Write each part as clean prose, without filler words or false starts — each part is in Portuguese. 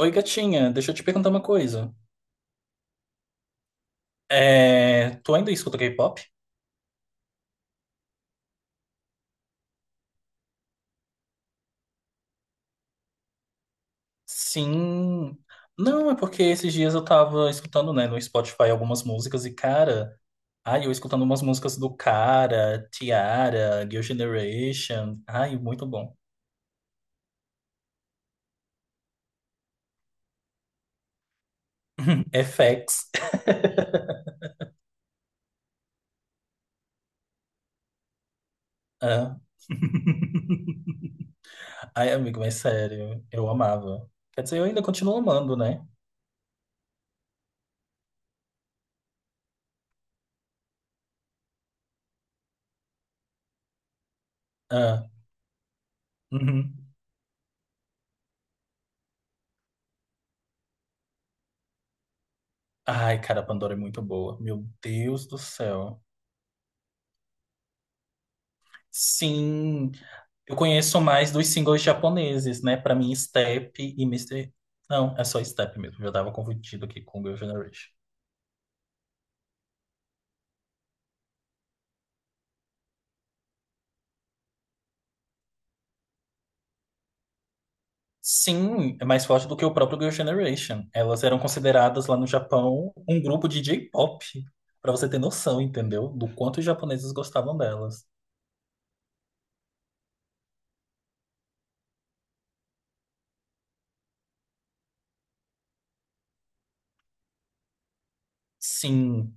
Oi, gatinha, deixa eu te perguntar uma coisa. É, tu ainda escuta K-pop? Sim. Não, é porque esses dias eu tava escutando, né, no Spotify algumas músicas e, cara, ai, eu escutando umas músicas do Cara, Tiara, Girl Generation. Ai, muito bom. FX. Ah. Ai, amigo, mas sério, eu amava. Quer dizer, eu ainda continuo amando, né? Ah. Uhum. Ai, cara, a Pandora é muito boa. Meu Deus do céu. Sim, eu conheço mais dos singles japoneses, né? Pra mim, Step e mister. Não, é só Step mesmo. Eu já tava confundido aqui com Girl Generation. Sim, é mais forte do que o próprio Girl Generation. Elas eram consideradas lá no Japão um grupo de J-pop. Pra você ter noção, entendeu? Do quanto os japoneses gostavam delas. Sim.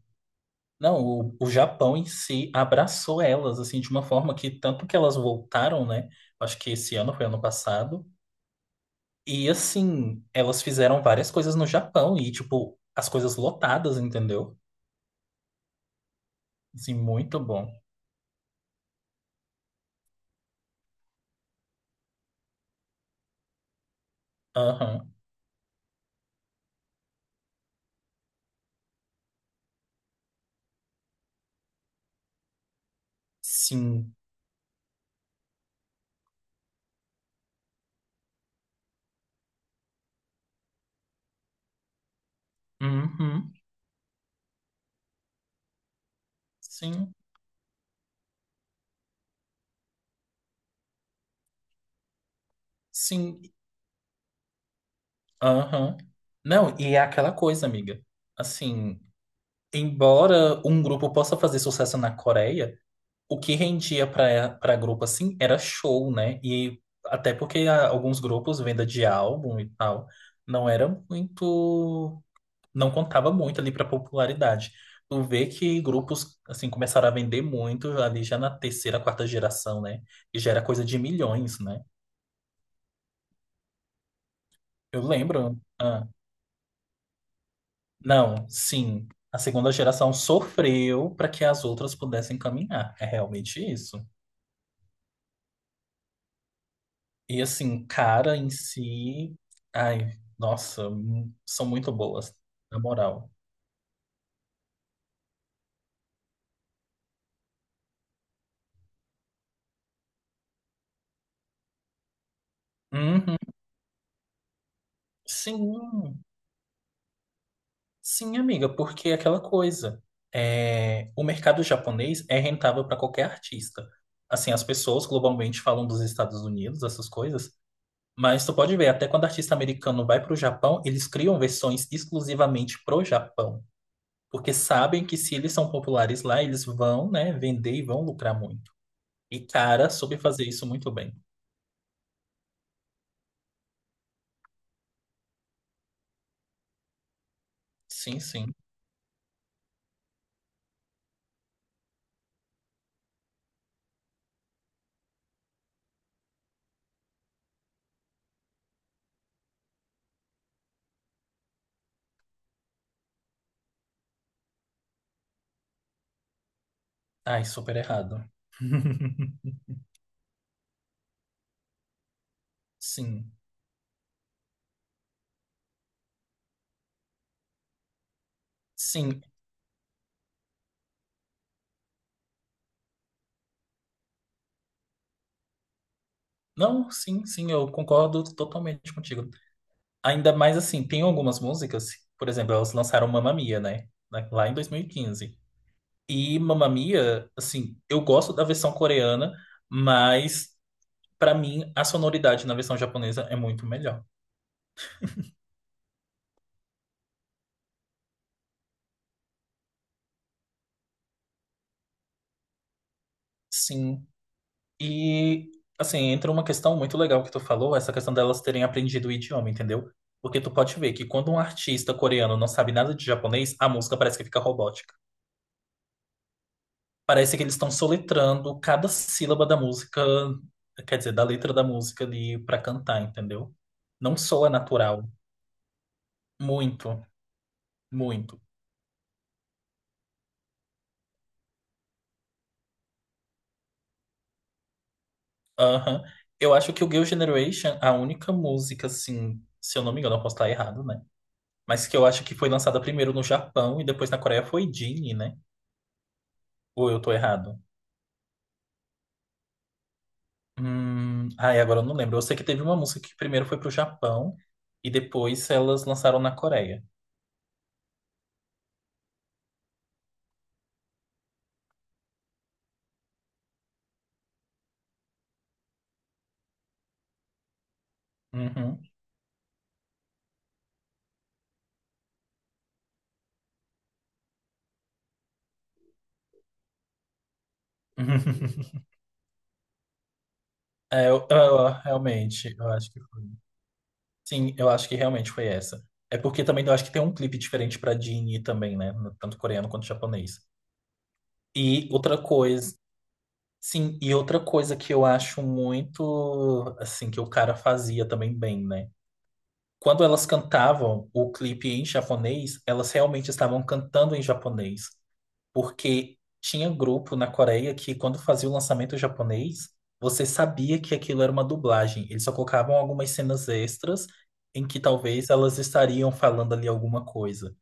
Não, o Japão em si abraçou elas, assim, de uma forma que tanto que elas voltaram, né? Acho que esse ano foi ano passado. E assim, elas fizeram várias coisas no Japão e, tipo, as coisas lotadas, entendeu? Assim, muito bom. Aham. Sim. Uhum. Sim. Sim. Aham. Não, e é aquela coisa, amiga. Assim, embora um grupo possa fazer sucesso na Coreia, o que rendia pra para grupo assim era show, né? E até porque alguns grupos, venda de álbum e tal, não era muito. Não contava muito ali para popularidade. Tu vê que grupos assim começaram a vender muito ali já na terceira, quarta geração, né? E já era coisa de milhões, né? Eu lembro. Não, sim. A segunda geração sofreu para que as outras pudessem caminhar. É realmente isso. E assim, cara em si, ai, nossa, são muito boas, na moral. Uhum, sim. Sim, amiga, porque é aquela coisa. É, o mercado japonês é rentável para qualquer artista. Assim, as pessoas globalmente falam dos Estados Unidos, essas coisas, mas tu pode ver, até quando artista americano vai para o Japão, eles criam versões exclusivamente pro Japão, porque sabem que se eles são populares lá, eles vão, né, vender e vão lucrar muito. E cara, soube fazer isso muito bem. Sim, sim. Ai, super errado. Sim, sim. Não, sim, sim, eu concordo totalmente contigo. Ainda mais assim, tem algumas músicas, por exemplo, elas lançaram Mamma Mia, né? Lá em 2015. E quinze. E Mamma Mia, assim, eu gosto da versão coreana, mas pra mim a sonoridade na versão japonesa é muito melhor. Sim. E assim, entra uma questão muito legal que tu falou, essa questão delas terem aprendido o idioma, entendeu? Porque tu pode ver que quando um artista coreano não sabe nada de japonês, a música parece que fica robótica. Parece que eles estão soletrando cada sílaba da música, quer dizer, da letra da música ali pra cantar, entendeu? Não soa natural. Muito, muito. Aham. Eu acho que o Girl Generation, a única música, assim, se eu não me engano, eu posso estar errado, né? Mas que eu acho que foi lançada primeiro no Japão e depois na Coreia foi Genie, né? Ou eu tô errado? Agora eu não lembro. Eu sei que teve uma música que primeiro foi pro Japão e depois elas lançaram na Coreia. Uhum. É, realmente, eu acho que foi. Sim, eu acho que realmente foi essa. É porque também eu acho que tem um clipe diferente pra Dini também, né? Tanto coreano quanto japonês. E outra coisa, sim, e outra coisa que eu acho muito, assim, que o cara fazia também bem, né? Quando elas cantavam o clipe em japonês, elas realmente estavam cantando em japonês. Porque tinha grupo na Coreia que, quando fazia o lançamento japonês, você sabia que aquilo era uma dublagem. Eles só colocavam algumas cenas extras em que talvez elas estariam falando ali alguma coisa.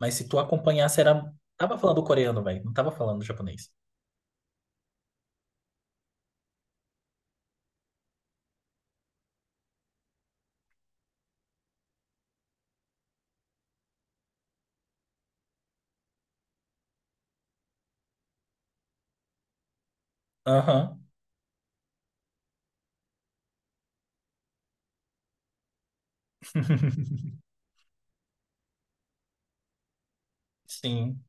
Mas se tu acompanhasse, era... Tava falando coreano, velho. Não tava falando japonês. Aham, sim.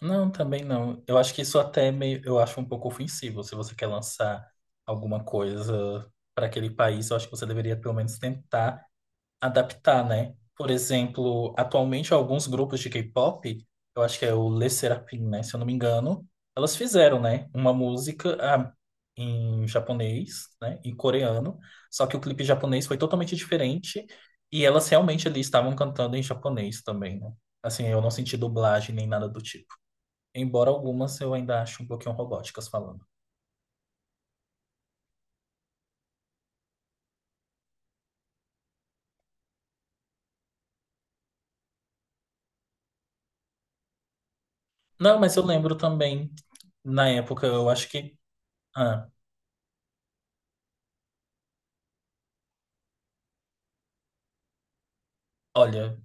Não, também não. Eu acho que isso até é meio... Eu acho um pouco ofensivo. Se você quer lançar alguma coisa para aquele país, eu acho que você deveria pelo menos tentar adaptar, né? Por exemplo, atualmente alguns grupos de K-pop, eu acho que é o Le Serafim, né? Se eu não me engano, elas fizeram, né? Uma música em japonês, né? Em coreano, só que o clipe japonês foi totalmente diferente e elas realmente ali estavam cantando em japonês também, né? Assim, eu não senti dublagem nem nada do tipo. Embora algumas eu ainda acho um pouquinho robóticas falando. Não, mas eu lembro também, na época, eu acho que. Ah, olha.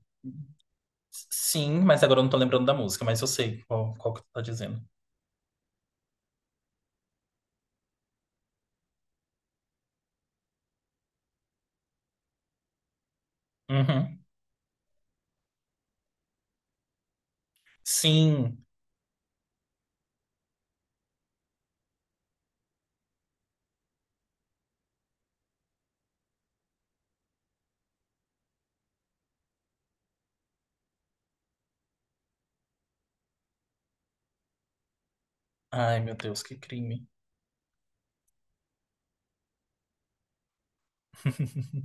Sim, mas agora eu não tô lembrando da música, mas eu sei qual que tu tá dizendo. Uhum. Sim. Ai, meu Deus, que crime.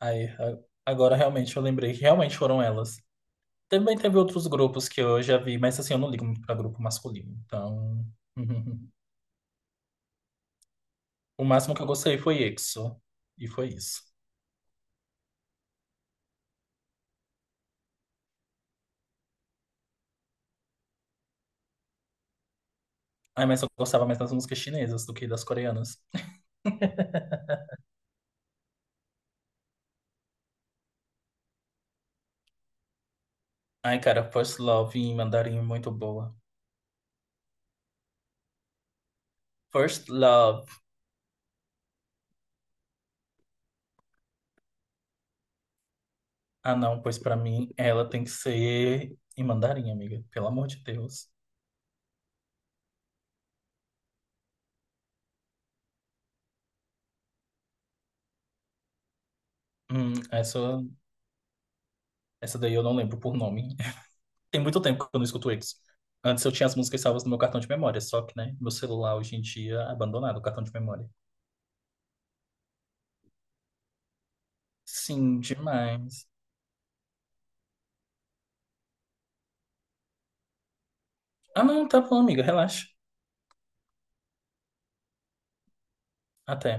Aí, a- Agora realmente eu lembrei que realmente foram elas. Também teve outros grupos que eu já vi, mas assim, eu não ligo muito pra grupo masculino. Então, o máximo que eu gostei foi EXO. E foi isso. Ai, mas eu gostava mais das músicas chinesas do que das coreanas. Ai, cara, First Love em mandarim é muito boa. First Love. Ah, não, pois pra mim ela tem que ser em mandarim, amiga. Pelo amor de Deus. Hum, essa, essa daí eu não lembro por nome. Tem muito tempo que eu não escuto eles. Antes eu tinha as músicas salvas no meu cartão de memória, só que, né, meu celular hoje em dia é abandonado o cartão de memória. Sim, demais. Ah, não, tá bom, amiga, relaxa. Até.